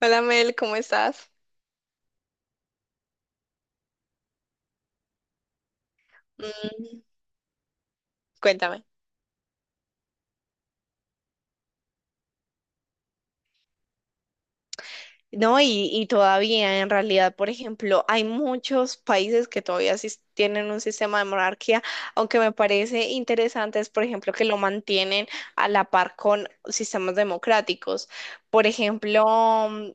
Hola Mel, ¿cómo estás? Mm, cuéntame. No, y todavía en realidad, por ejemplo, hay muchos países que todavía tienen un sistema de monarquía, aunque me parece interesante es, por ejemplo, que lo mantienen a la par con sistemas democráticos. Por ejemplo, mm,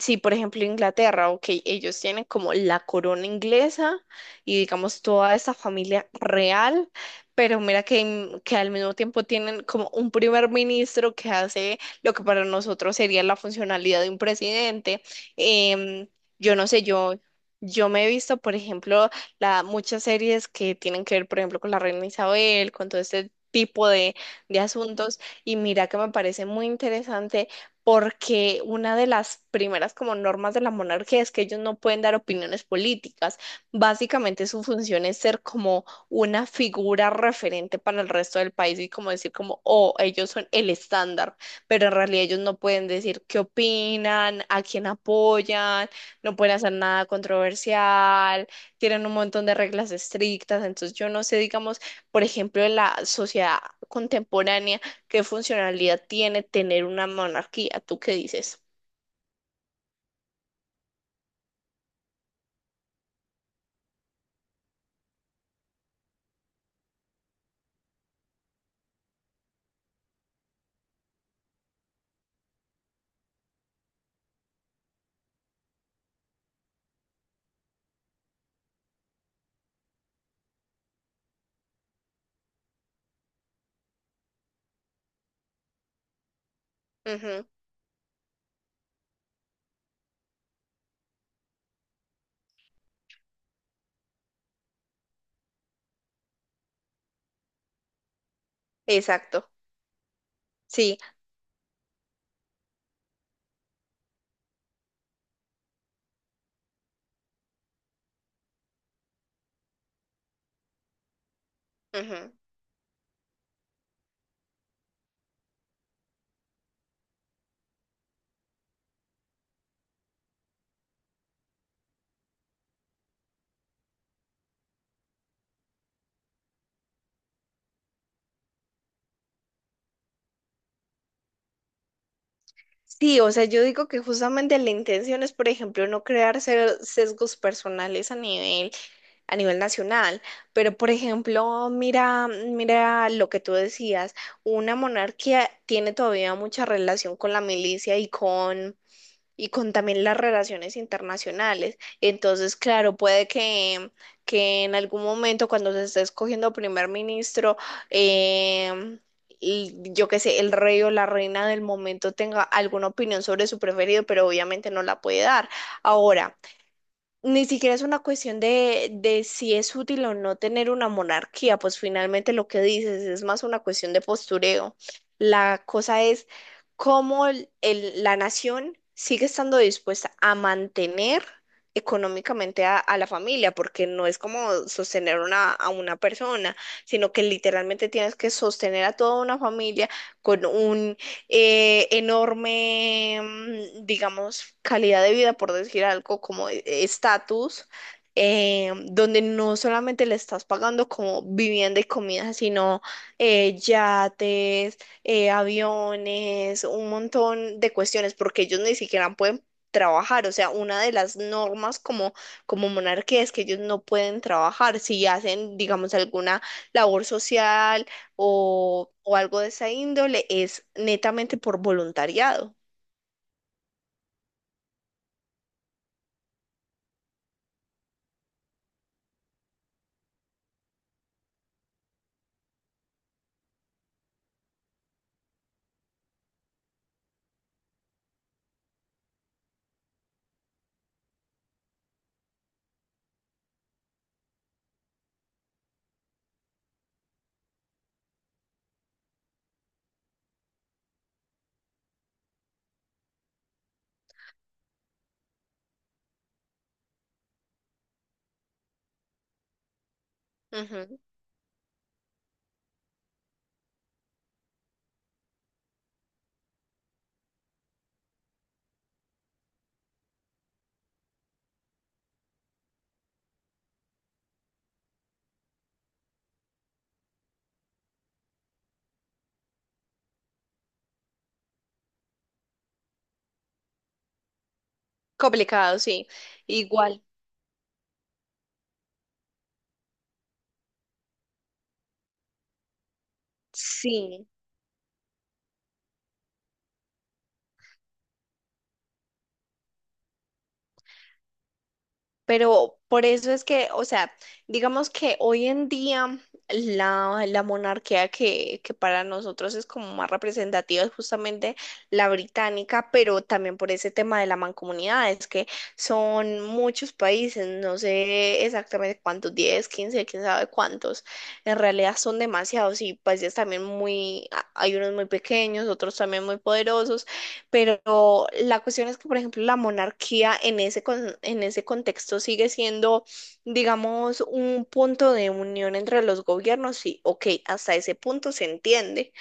sí, por ejemplo, Inglaterra, ok, ellos tienen como la corona inglesa y digamos toda esa familia real, pero mira que, que al mismo tiempo tienen como un primer ministro que hace lo que para nosotros sería la funcionalidad de un presidente. Em, yo no sé, yo me he visto, por ejemplo, muchas series que tienen que ver, por ejemplo, con la reina Isabel, con todo este tipo de asuntos, y mira que me parece muy interesante porque una de las primeras como normas de la monarquía es que ellos no pueden dar opiniones políticas. Básicamente su función es ser como una figura referente para el resto del país y como decir como, oh, ellos son el estándar, pero en realidad ellos no pueden decir qué opinan, a quién apoyan, no pueden hacer nada controversial, tienen un montón de reglas estrictas, entonces yo no sé, digamos, por ejemplo, en la sociedad contemporánea, ¿qué funcionalidad tiene tener una monarquía? ¿Tú qué dices? Ujú, exacto, sí. Ujú. Sí, o sea, yo digo que justamente la intención es, por ejemplo, no crear sesgos personales a nivel nacional, pero por ejemplo, mira, mira lo que tú decías, una monarquía tiene todavía mucha relación con la milicia y con también las relaciones internacionales. Entonces, claro, puede que en algún momento cuando se esté escogiendo primer ministro, em, y yo qué sé, el rey o la reina del momento tenga alguna opinión sobre su preferido, pero obviamente no la puede dar. Ahora, ni siquiera es una cuestión de si es útil o no tener una monarquía, pues finalmente lo que dices es más una cuestión de postureo. La cosa es cómo la nación sigue estando dispuesta a mantener económicamente a la familia, porque no es como sostener una, a una persona, sino que literalmente tienes que sostener a toda una familia con un enorme, digamos, calidad de vida, por decir algo, como estatus, donde no solamente le estás pagando como vivienda y comida, sino yates, aviones, un montón de cuestiones, porque ellos ni siquiera pueden trabajar, o sea, una de las normas como, como monarquía es que ellos no pueden trabajar. Si hacen, digamos, alguna labor social, o algo de esa índole es netamente por voluntariado. Ujú. Complicado, sí. Igual. Sí. Pero por eso es que, o sea, digamos que hoy en día la monarquía que para nosotros es como más representativa es justamente la británica, pero también por ese tema de la mancomunidad, es que son muchos países, no sé exactamente cuántos, 10, 15, quién sabe cuántos, en realidad son demasiados y países también muy, hay unos muy pequeños, otros también muy poderosos, pero la cuestión es que, por ejemplo, la monarquía en ese, en ese contexto sigue siendo, digamos, un punto de unión entre los gobiernos. Sí, ok, hasta ese punto se entiende,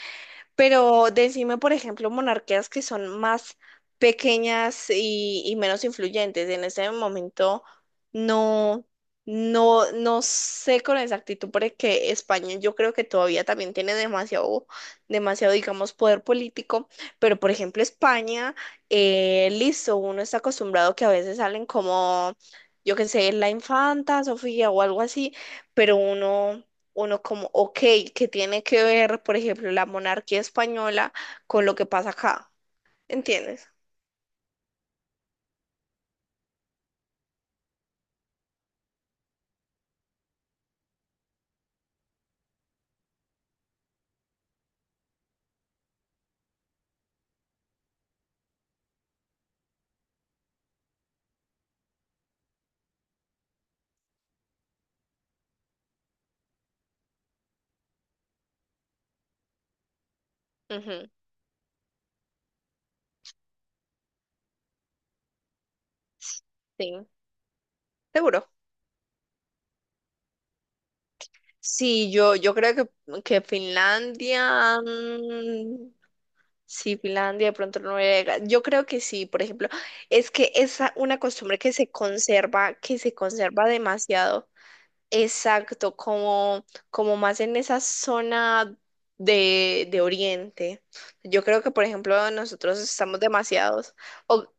pero decime, por ejemplo, monarquías que son más pequeñas y menos influyentes. En ese momento no, no, no sé con exactitud porque España yo creo que todavía también tiene demasiado, demasiado, digamos, poder político. Pero, por ejemplo, España, listo, uno está acostumbrado que a veces salen como, yo qué sé, la infanta Sofía o algo así, pero uno como, ok, ¿qué tiene que ver, por ejemplo, la monarquía española con lo que pasa acá? ¿Entiendes? Ujú. Sí, seguro. Sí, yo creo que Finlandia, sí, Finlandia, de pronto Noruega, yo creo que sí, por ejemplo, es que es una costumbre que se conserva demasiado. Exacto, como, como más en esa zona de Oriente. Yo creo que, por ejemplo, nosotros estamos demasiados, o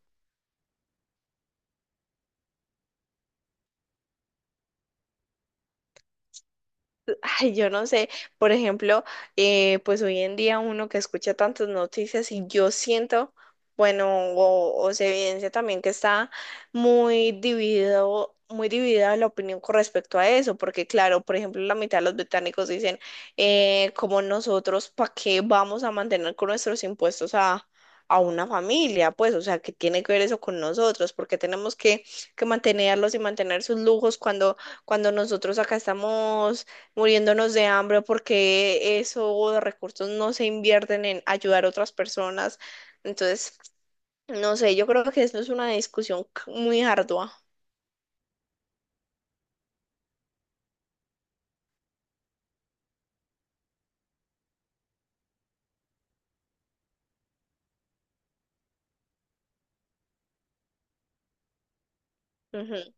ay, yo no sé, por ejemplo, pues hoy en día uno que escucha tantas noticias y yo siento, bueno, o se evidencia también que está muy dividido, muy dividida la opinión con respecto a eso, porque claro, por ejemplo, la mitad de los británicos dicen, como nosotros, ¿para qué vamos a mantener con nuestros impuestos a una familia? Pues, o sea, ¿qué tiene que ver eso con nosotros? Porque tenemos que mantenerlos y mantener sus lujos cuando, cuando nosotros acá estamos muriéndonos de hambre porque esos recursos no se invierten en ayudar a otras personas. Entonces, no sé, yo creo que esto es una discusión muy ardua. Ujú,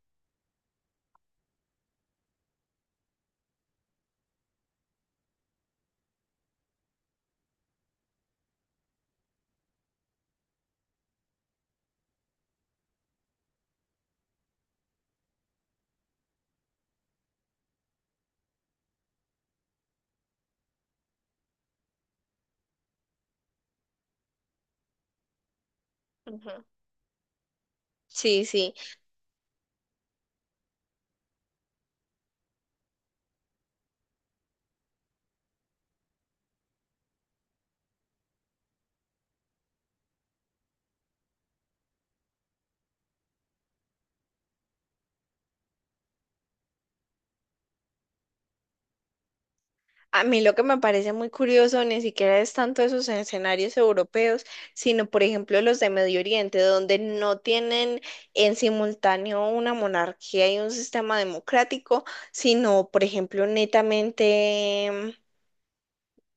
ujú. Sí, sí. A mí lo que me parece muy curioso ni siquiera es tanto esos escenarios europeos, sino por ejemplo los de Medio Oriente, donde no tienen en simultáneo una monarquía y un sistema democrático, sino por ejemplo netamente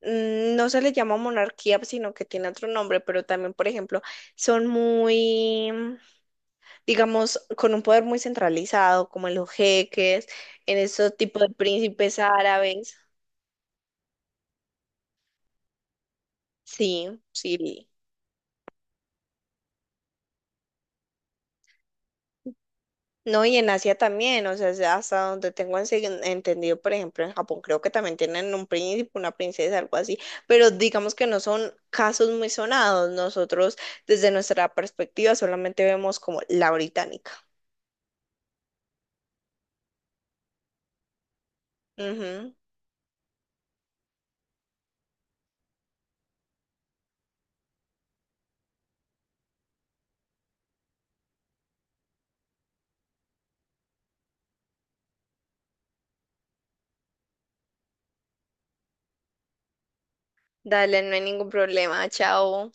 no se le llama monarquía, sino que tiene otro nombre, pero también, por ejemplo, son muy, digamos, con un poder muy centralizado, como en los jeques, en esos tipos de príncipes árabes. Sí, sí. No, y en Asia también, o sea, es hasta donde tengo entendido, por ejemplo, en Japón creo que también tienen un príncipe, una princesa, algo así, pero digamos que no son casos muy sonados. Nosotros, desde nuestra perspectiva, solamente vemos como la británica. Dale, no hay ningún problema. Chao.